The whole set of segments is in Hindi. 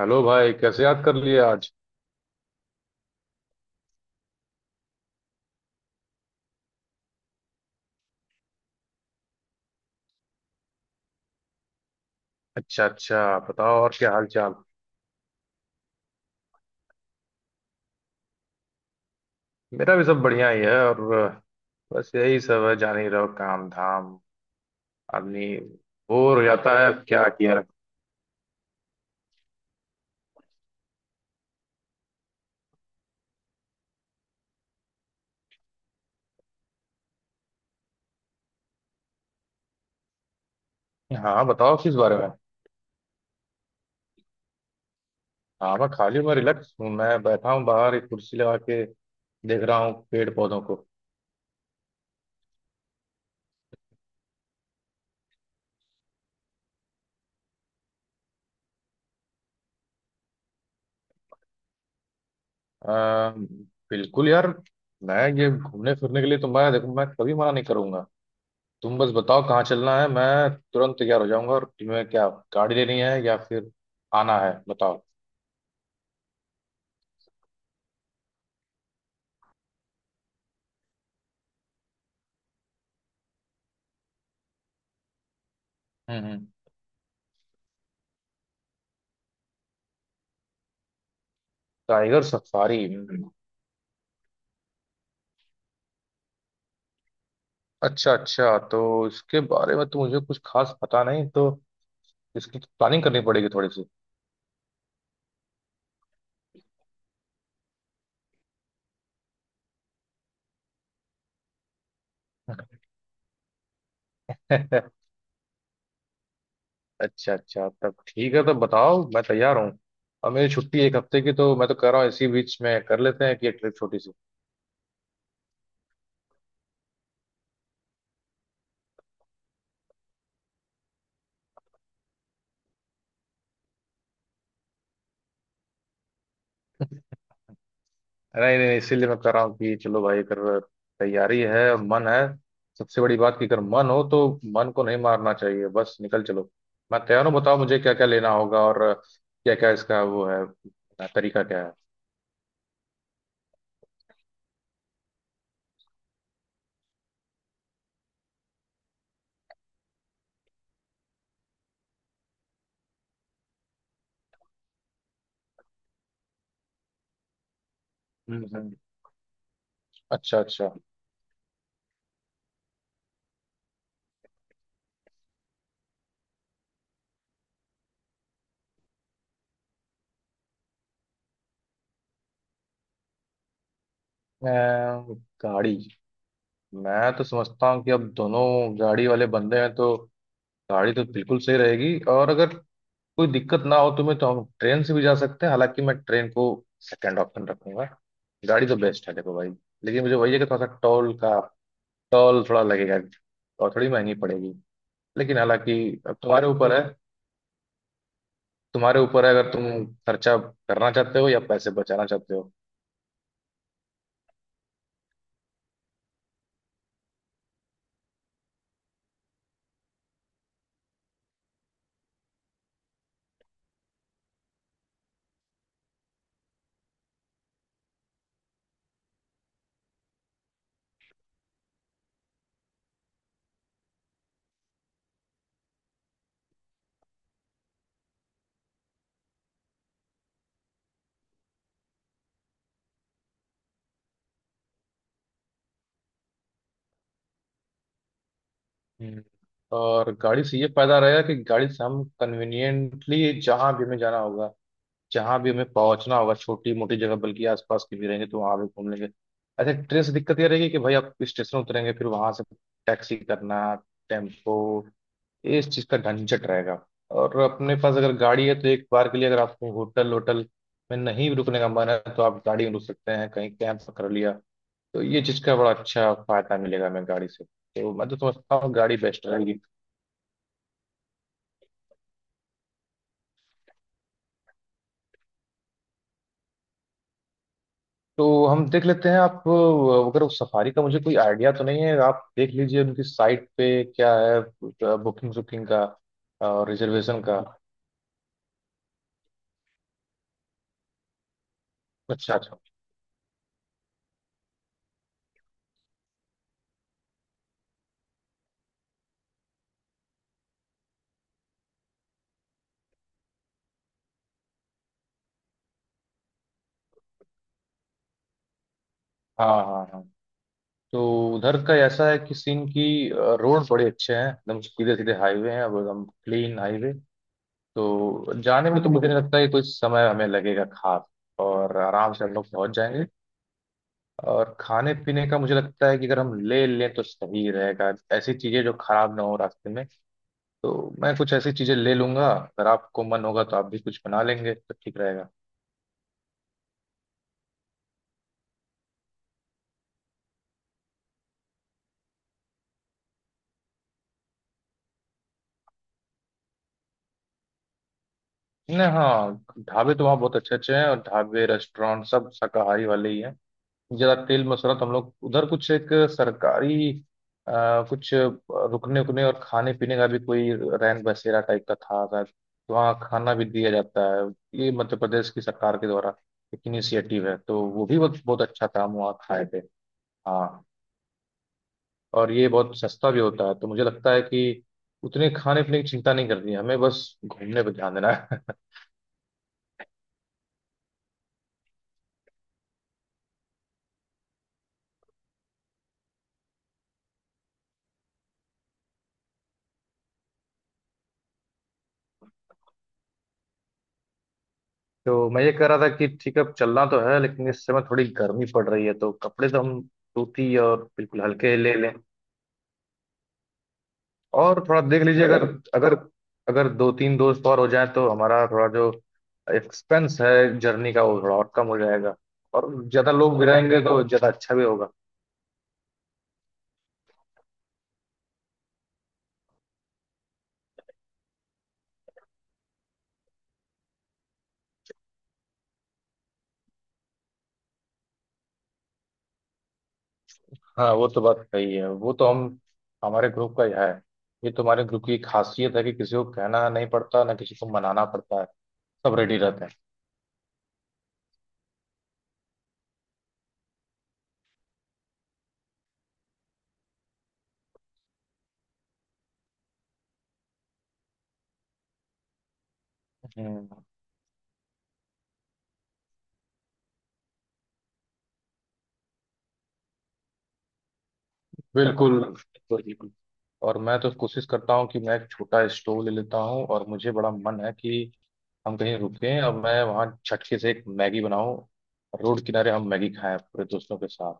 हेलो भाई, कैसे याद कर लिए आज? अच्छा अच्छा, बताओ और क्या हाल चाल। मेरा भी सब बढ़िया ही है। और बस यही सब है, जान ही रहो काम धाम। आदमी बोर हो जाता है, क्या किया रहे। हाँ बताओ, किस बारे में। हाँ, मैं खाली हूँ, मैं रिलैक्स हूँ, मैं बैठा हूँ बाहर एक कुर्सी लगा के। देख रहा हूँ पेड़ पौधों को। अ, बिल्कुल यार। मैं ये घूमने फिरने के लिए तो, मैं देखो, मैं कभी मना नहीं करूंगा। तुम बस बताओ कहाँ चलना है, मैं तुरंत तैयार हो जाऊंगा। और तुम्हें क्या गाड़ी लेनी है या फिर आना है, बताओ। हम्म। Tiger safari. हम्म। अच्छा अच्छा, तो इसके बारे में तो मुझे कुछ खास पता नहीं। तो इसकी तो प्लानिंग करनी पड़ेगी थोड़ी सी। अच्छा अच्छा, तब ठीक है। तो बताओ, मैं तैयार हूँ। और मेरी छुट्टी एक हफ्ते की, तो मैं तो कह रहा हूँ इसी बीच में कर लेते हैं कि एक ट्रिप छोटी सी। नहीं नहीं, इसीलिए मैं कह रहा हूँ कि चलो भाई, अगर तैयारी है और मन है, सबसे बड़ी बात कि अगर मन हो तो मन को नहीं मारना चाहिए। बस निकल चलो। मैं तैयार हूँ, बताओ मुझे क्या क्या लेना होगा और क्या क्या इसका वो है, तरीका क्या है। हम्म हम्म। अच्छा अच्छा। अम, गाड़ी, मैं तो समझता हूँ कि अब दोनों गाड़ी वाले बंदे हैं, तो गाड़ी तो बिल्कुल सही रहेगी। और अगर कोई दिक्कत ना हो तुम्हें तो हम ट्रेन से भी जा सकते हैं, हालांकि मैं ट्रेन को सेकंड ऑप्शन रखूंगा। गाड़ी तो बेस्ट है, देखो भाई। लेकिन मुझे वही है कि थोड़ा सा टोल का टोल थोड़ा लगेगा और थोड़ी महंगी पड़ेगी, लेकिन हालांकि अब तुम्हारे ऊपर है। तुम्हारे ऊपर है, अगर तुम खर्चा करना चाहते हो या पैसे बचाना चाहते हो। हम्म। और गाड़ी से ये फायदा रहेगा कि गाड़ी से हम कन्वीनियंटली जहाँ भी हमें जाना होगा, जहां भी हमें पहुंचना होगा, छोटी मोटी जगह बल्कि आसपास की भी रहेंगे तो वहां भी घूम लेंगे। अच्छा, ट्रेन से दिक्कत ये रहेगी कि भाई आप स्टेशन उतरेंगे, फिर वहां से टैक्सी करना, टेम्पो, इस चीज का झंझट रहेगा। और अपने पास अगर गाड़ी है, तो एक बार के लिए अगर आपको होटल होटल में नहीं भी रुकने का मन है तो आप गाड़ी में रुक सकते हैं, कहीं कैंप कर लिया। तो ये चीज का बड़ा अच्छा फायदा मिलेगा हमें गाड़ी से, तो मैं तो समझता हूँ गाड़ी बेस्ट रहेगी। तो हम देख लेते हैं। आप अगर उस सफारी का, मुझे कोई आइडिया तो नहीं है, आप देख लीजिए उनकी साइट पे क्या है, बुकिंग बुकिंग का और रिजर्वेशन का। अच्छा अच्छा। हाँ हाँ हाँ। तो उधर का ऐसा है कि सीन की रोड बड़े अच्छे हैं, एकदम सीधे सीधे हाईवे हैं, अब एकदम क्लीन हाईवे। तो जाने में तो मुझे नहीं लगता है कि कोई समय हमें लगेगा खास, और आराम से हम लोग पहुंच जाएंगे। और खाने पीने का मुझे लगता है कि अगर हम ले लें तो सही रहेगा, ऐसी चीजें जो खराब ना हो रास्ते में। तो मैं कुछ ऐसी चीजें ले लूंगा, अगर आपको मन होगा तो आप भी कुछ बना लेंगे तो ठीक रहेगा। नहीं, हाँ, ढाबे तो वहाँ बहुत अच्छे अच्छे हैं, और ढाबे रेस्टोरेंट सब शाकाहारी वाले ही हैं, ज्यादा तेल मसाला तो, हम लोग उधर कुछ एक सरकारी, कुछ रुकने उकने और खाने पीने का भी कोई रैन बसेरा टाइप का था शायद, तो वहाँ खाना भी दिया जाता है। ये मध्य प्रदेश की सरकार के द्वारा एक इनिशिएटिव है, तो वो भी बहुत बहुत अच्छा था, हम वहाँ खाए थे। हाँ। और ये बहुत सस्ता भी होता है, तो मुझे लगता है कि उतने खाने पीने की चिंता नहीं करनी है हमें, बस घूमने पर ध्यान देना है। तो मैं ये कह रहा था कि ठीक है, अब चलना तो है लेकिन इस समय थोड़ी गर्मी पड़ रही है, तो कपड़े तो हम सूती और बिल्कुल हल्के ही ले लें। और थोड़ा देख लीजिए, अगर अगर अगर दो तीन दोस्त और हो जाए तो हमारा थोड़ा जो एक्सपेंस है जर्नी का वो थोड़ा और कम हो जाएगा। और ज्यादा लोग भी रहेंगे तो ज्यादा अच्छा भी होगा। हाँ, वो तो बात सही है। वो तो हम हमारे ग्रुप का ही है। ये तुम्हारे ग्रुप की खासियत है कि किसी को कहना नहीं पड़ता, ना किसी को मनाना पड़ता है, सब रेडी रहते हैं। हम्म। बिल्कुल बिल्कुल बिल्कुल। और मैं तो कोशिश करता हूँ कि मैं एक छोटा स्टोव ले लेता हूँ, और मुझे बड़ा मन है कि हम कहीं रुकें और मैं वहाँ छटके से एक मैगी बनाऊँ। रोड किनारे हम मैगी खाएं पूरे दोस्तों के साथ।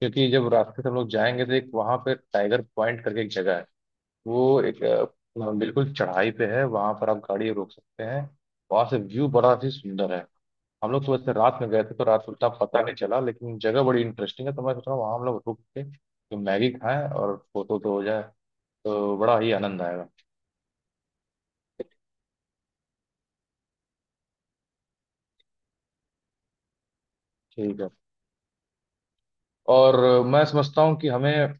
क्योंकि जब रास्ते से हम लोग जाएंगे, तो एक वहाँ पे टाइगर पॉइंट करके एक जगह है। वो एक बिल्कुल चढ़ाई पे है, वहां पर आप गाड़ी रोक सकते हैं। वहां से व्यू बड़ा ही सुंदर है। हम लोग तो वैसे रात में गए थे तो रात को उतना पता नहीं चला, लेकिन जगह बड़ी इंटरेस्टिंग है। तो मैं सोच रहा हूँ वहां हम लोग रुक के तो मैगी खाएं और फोटो तो हो जाए, तो बड़ा ही आनंद आएगा। ठीक है। और मैं समझता हूँ कि हमें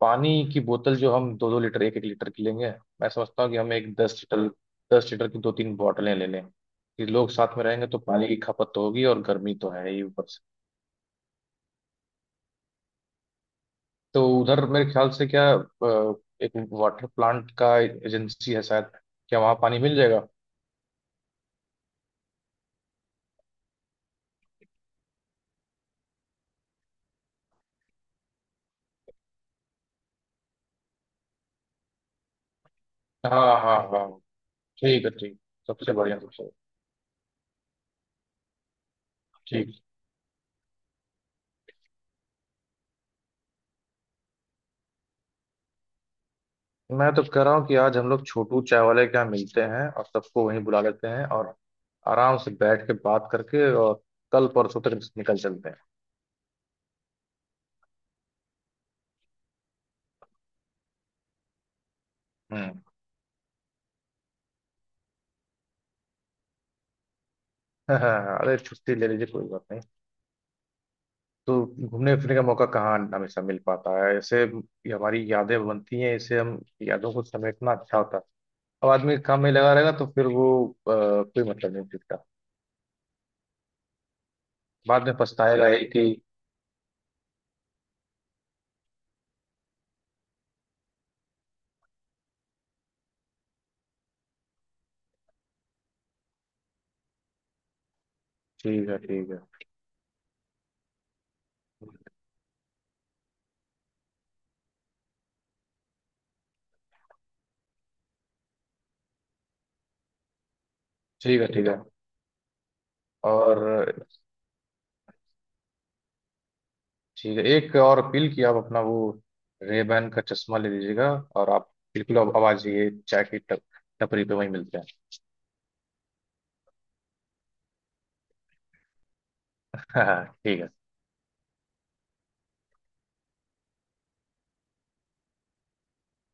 पानी की बोतल, जो हम 2-2 लीटर 1-1 लीटर की लेंगे, मैं समझता हूँ कि हम एक दस लीटर 10 लीटर की दो तीन बोतलें ले लें, कि लोग साथ में रहेंगे तो पानी की खपत तो होगी, और गर्मी तो है ही। तो उधर मेरे ख्याल से क्या, एक वाटर प्लांट का एजेंसी है शायद, क्या वहाँ पानी मिल जाएगा? हाँ हाँ हाँ। ठीक है, ठीक। सबसे बढ़िया सबसे ठीक। मैं तो कह रहा हूँ कि आज हम लोग छोटू चाय वाले के यहाँ मिलते हैं और सबको वहीं बुला लेते हैं, और आराम से बैठ के बात करके और कल परसों तक निकल चलते हैं। हम्म। हाँ, अरे छुट्टी ले लीजिए, कोई बात नहीं। तो घूमने फिरने का मौका कहाँ हमेशा मिल पाता है, ऐसे ये हमारी यादें बनती हैं, इसे हम यादों को समेटना अच्छा होता है। अब आदमी काम में लगा रहेगा तो फिर वो कोई मतलब नहीं दिखता। बाद में पछताएगा यही कि। ठीक है ठीक है। ठीक है ठीक है। और ठीक है, एक और अपील कि आप अपना वो रेबैन का चश्मा ले लीजिएगा, और आप बिल्कुल अब आवाज ये चाय की टप टपरी पे वहीं मिलते हैं। हाँ ठीक है।